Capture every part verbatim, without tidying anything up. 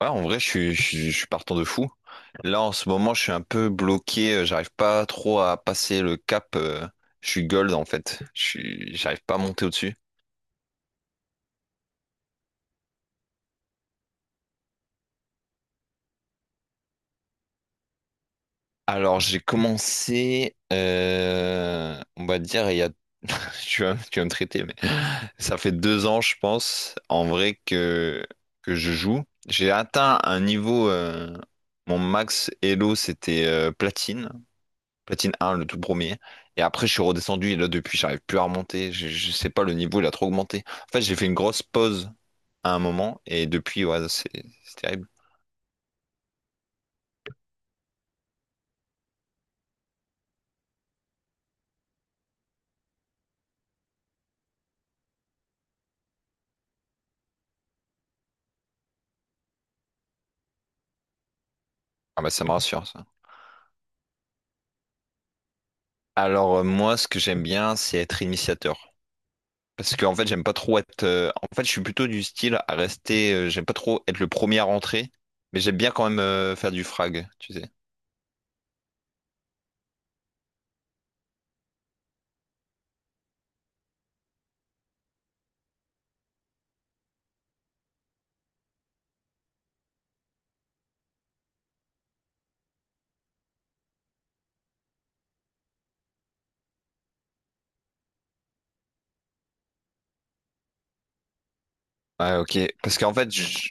Ouais, en vrai, je suis, je suis, je suis partant de fou. Là, en ce moment, je suis un peu bloqué. euh, J'arrive pas trop à passer le cap. euh, Je suis gold, en fait. Je suis, j'arrive pas à monter au-dessus. Alors, j'ai commencé, euh, on va dire, il y a, tu vas, tu vas me traiter, mais ça fait deux ans, je pense, en vrai, que, que je joue. J'ai atteint un niveau, euh, mon max Elo, c'était euh, platine. Platine un, le tout premier. Et après, je suis redescendu et là, depuis, j'arrive plus à remonter. Je, je sais pas, le niveau, il a trop augmenté. En fait, j'ai fait une grosse pause à un moment et depuis, ouais, c'est c'est terrible. Ah bah, ça me rassure, ça. Alors, euh, moi, ce que j'aime bien, c'est être initiateur. Parce que en fait, j'aime pas trop être. euh, En fait, je suis plutôt du style à rester. euh, J'aime pas trop être le premier à rentrer, mais j'aime bien quand même euh, faire du frag, tu sais. Ouais, ok. Parce qu'en fait, je...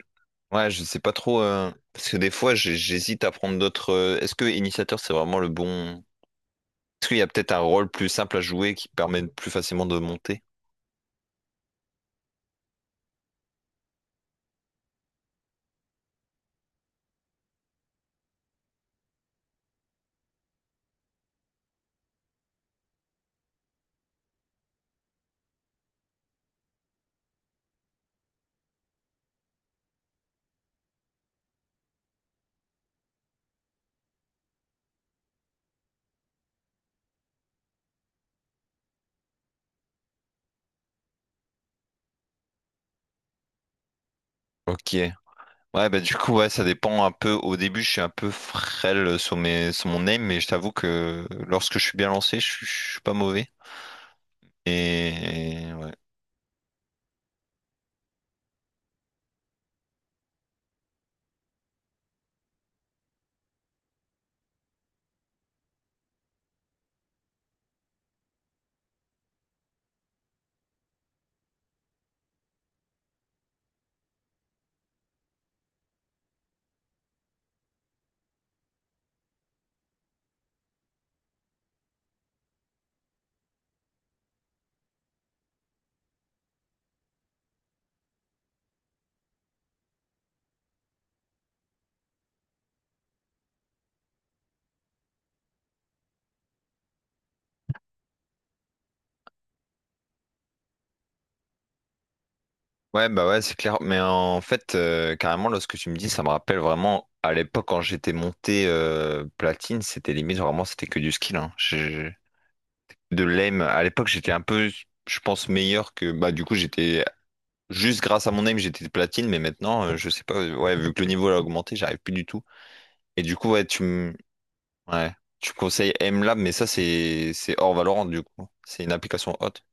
ouais, je sais pas trop. euh, Parce que des fois, j'ai- j'hésite à prendre d'autres. euh, Est-ce que initiateur, c'est vraiment le bon. Est-ce qu'il y a peut-être un rôle plus simple à jouer qui permet plus facilement de monter? Ok. Ouais, bah du coup, ouais, ça dépend un peu. Au début, je suis un peu frêle sur mes, sur mon aim, mais je t'avoue que lorsque je suis bien lancé, je, suis je suis pas mauvais. Et et ouais. Ouais, bah ouais, c'est clair. Mais en fait, euh, carrément, lorsque tu me dis, ça me rappelle vraiment à l'époque quand j'étais monté euh, platine, c'était limite vraiment, c'était que du skill, hein. J'ai- De l'aim. À l'époque, j'étais un peu, je pense, meilleur que. Bah, du coup, j'étais juste grâce à mon aim, j'étais platine, mais maintenant, euh, je sais pas. Ouais, vu que le niveau a augmenté, j'arrive plus du tout. Et du coup, ouais, tu me Ouais. Tu conseilles MLab, mais ça, c'est c'est hors Valorant, du coup. C'est une application haute.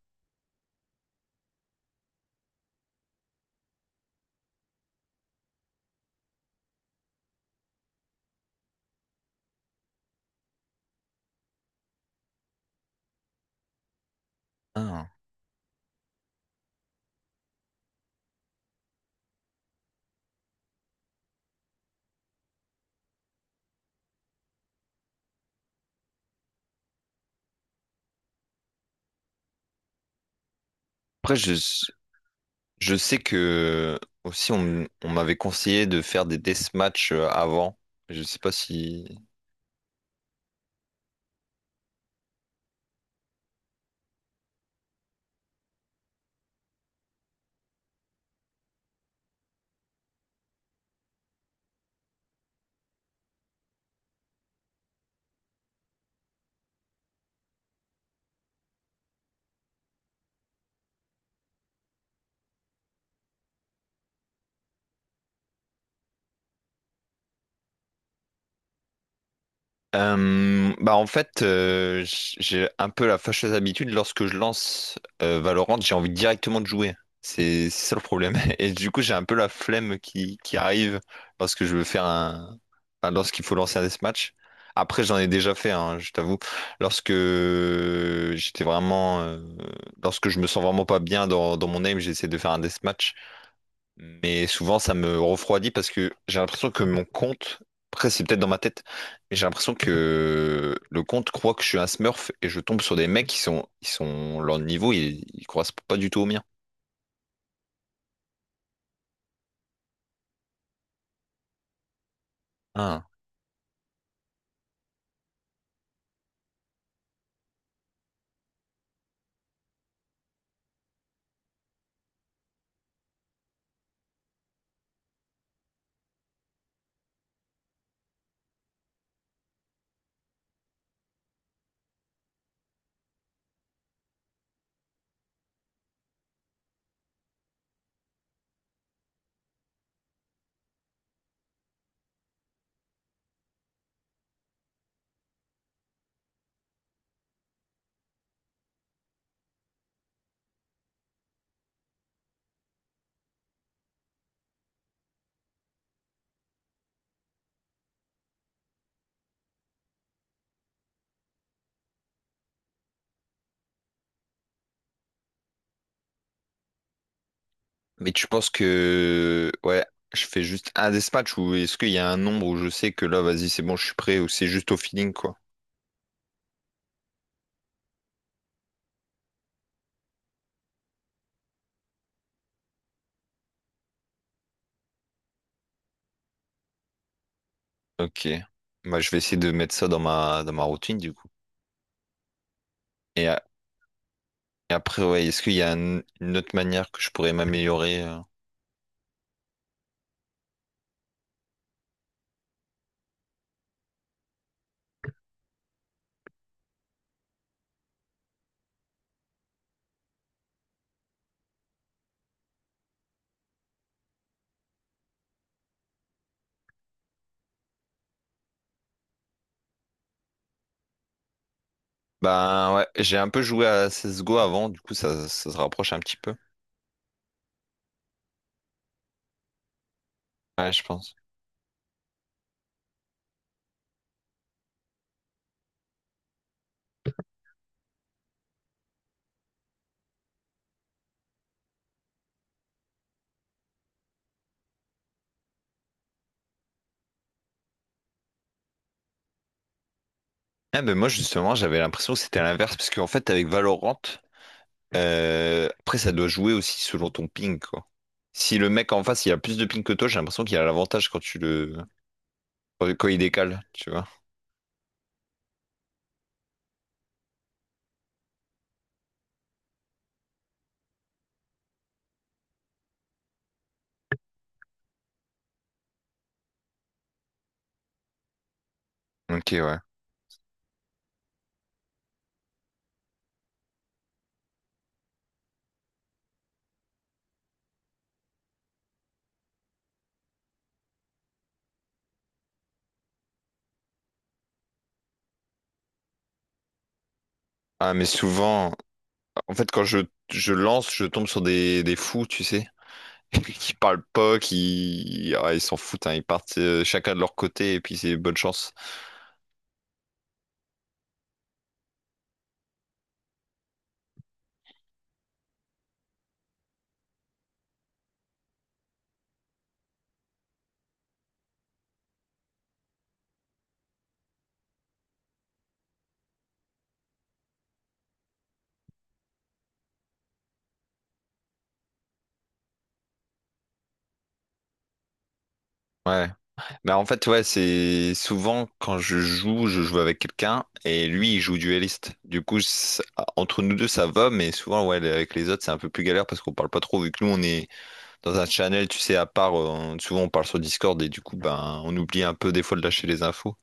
Ah. Après, je, je sais que aussi, on, on m'avait conseillé de faire des deathmatchs euh, avant. Je sais pas si. Euh, bah en fait, euh, j- j'ai un peu la fâcheuse habitude, lorsque je lance euh, Valorant, j'ai envie directement de jouer. C'est c'est ça le problème. Et du coup, j'ai un peu la flemme qui, qui arrive lorsque je veux faire un... enfin, lorsqu'il faut lancer un deathmatch. Après, j'en ai déjà fait, hein, je t'avoue. Lorsque j'étais vraiment... euh, Lorsque je me sens vraiment pas bien dans, dans mon aim, j'essaie de faire un deathmatch. Mais souvent, ça me refroidit parce que j'ai l'impression que mon compte, après, c'est peut-être dans ma tête, mais j'ai l'impression que le compte croit que je suis un smurf et je tombe sur des mecs qui sont, ils sont, leur niveau, ils, ils correspondent pas du tout au mien. Ah. Mais tu penses que, ouais, je fais juste un dispatch ou est-ce qu'il y a un nombre où je sais que là, vas-y, c'est bon, je suis prêt ou c'est juste au feeling, quoi? Ok. Bah, je vais essayer de mettre ça dans ma, dans ma routine, du coup. Et, a- et après, ouais, est-ce qu'il y a un- une autre manière que je pourrais m'améliorer? Euh? Ben ouais, j'ai un peu joué à C S G O avant, du coup ça, ça se rapproche un petit peu. Ouais, je pense. Ah ben moi justement j'avais l'impression que c'était l'inverse, parce qu'en fait avec Valorant, euh, après ça doit jouer aussi selon ton ping, quoi. Si le mec en face il a plus de ping que toi, j'ai l'impression qu'il a l'avantage quand tu le. Quand il décale, tu vois. Ok, ouais. Ah mais souvent, en fait quand je, je lance, je tombe sur des, des fous, tu sais. Qui parlent pas, qui. Ah, ils s'en foutent, hein. Ils partent euh, chacun de leur côté et puis c'est bonne chance. Ouais. Bah en fait, ouais, c'est souvent quand je joue, je joue avec quelqu'un et lui, il joue dueliste. Du coup, ça- entre nous deux, ça va, mais souvent, ouais, avec les autres, c'est un peu plus galère parce qu'on parle pas trop, vu que nous, on est dans un channel, tu sais, à part, euh, on- souvent, on parle sur Discord et du coup, ben, on oublie un peu des fois de lâcher les infos.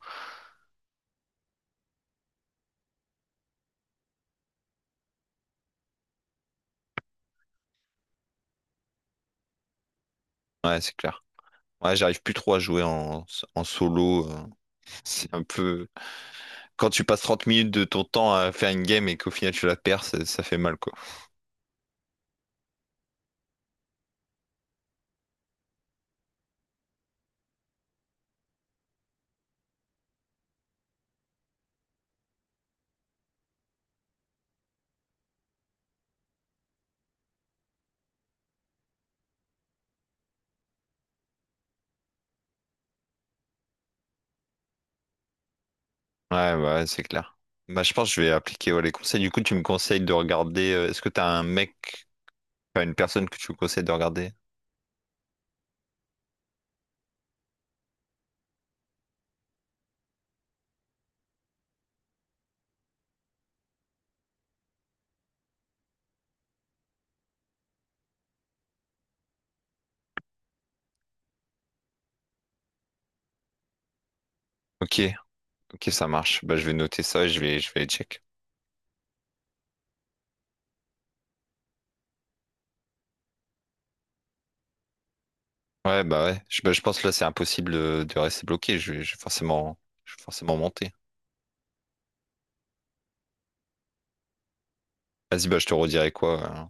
Ouais, c'est clair. Ouais, j'arrive plus trop à jouer en, en solo. euh, C'est un peu. Quand tu passes trente minutes de ton temps à faire une game et qu'au final tu la perds, ça, ça fait mal, quoi. Ouais, bah, ouais, c'est clair. Bah, je pense que je vais appliquer ouais, les conseils. Du coup, tu me conseilles de regarder. euh, Est-ce que t'as un mec, enfin une personne que tu me conseilles de regarder? Ok, ok, ça marche. Bah, je vais noter ça et je vais, je vais les check. Ouais, bah ouais. Je, bah, je pense que là, c'est impossible de, de rester bloqué. Je vais, je vais forcément, je vais forcément monter. Vas-y, bah, je te redirai quoi. Euh.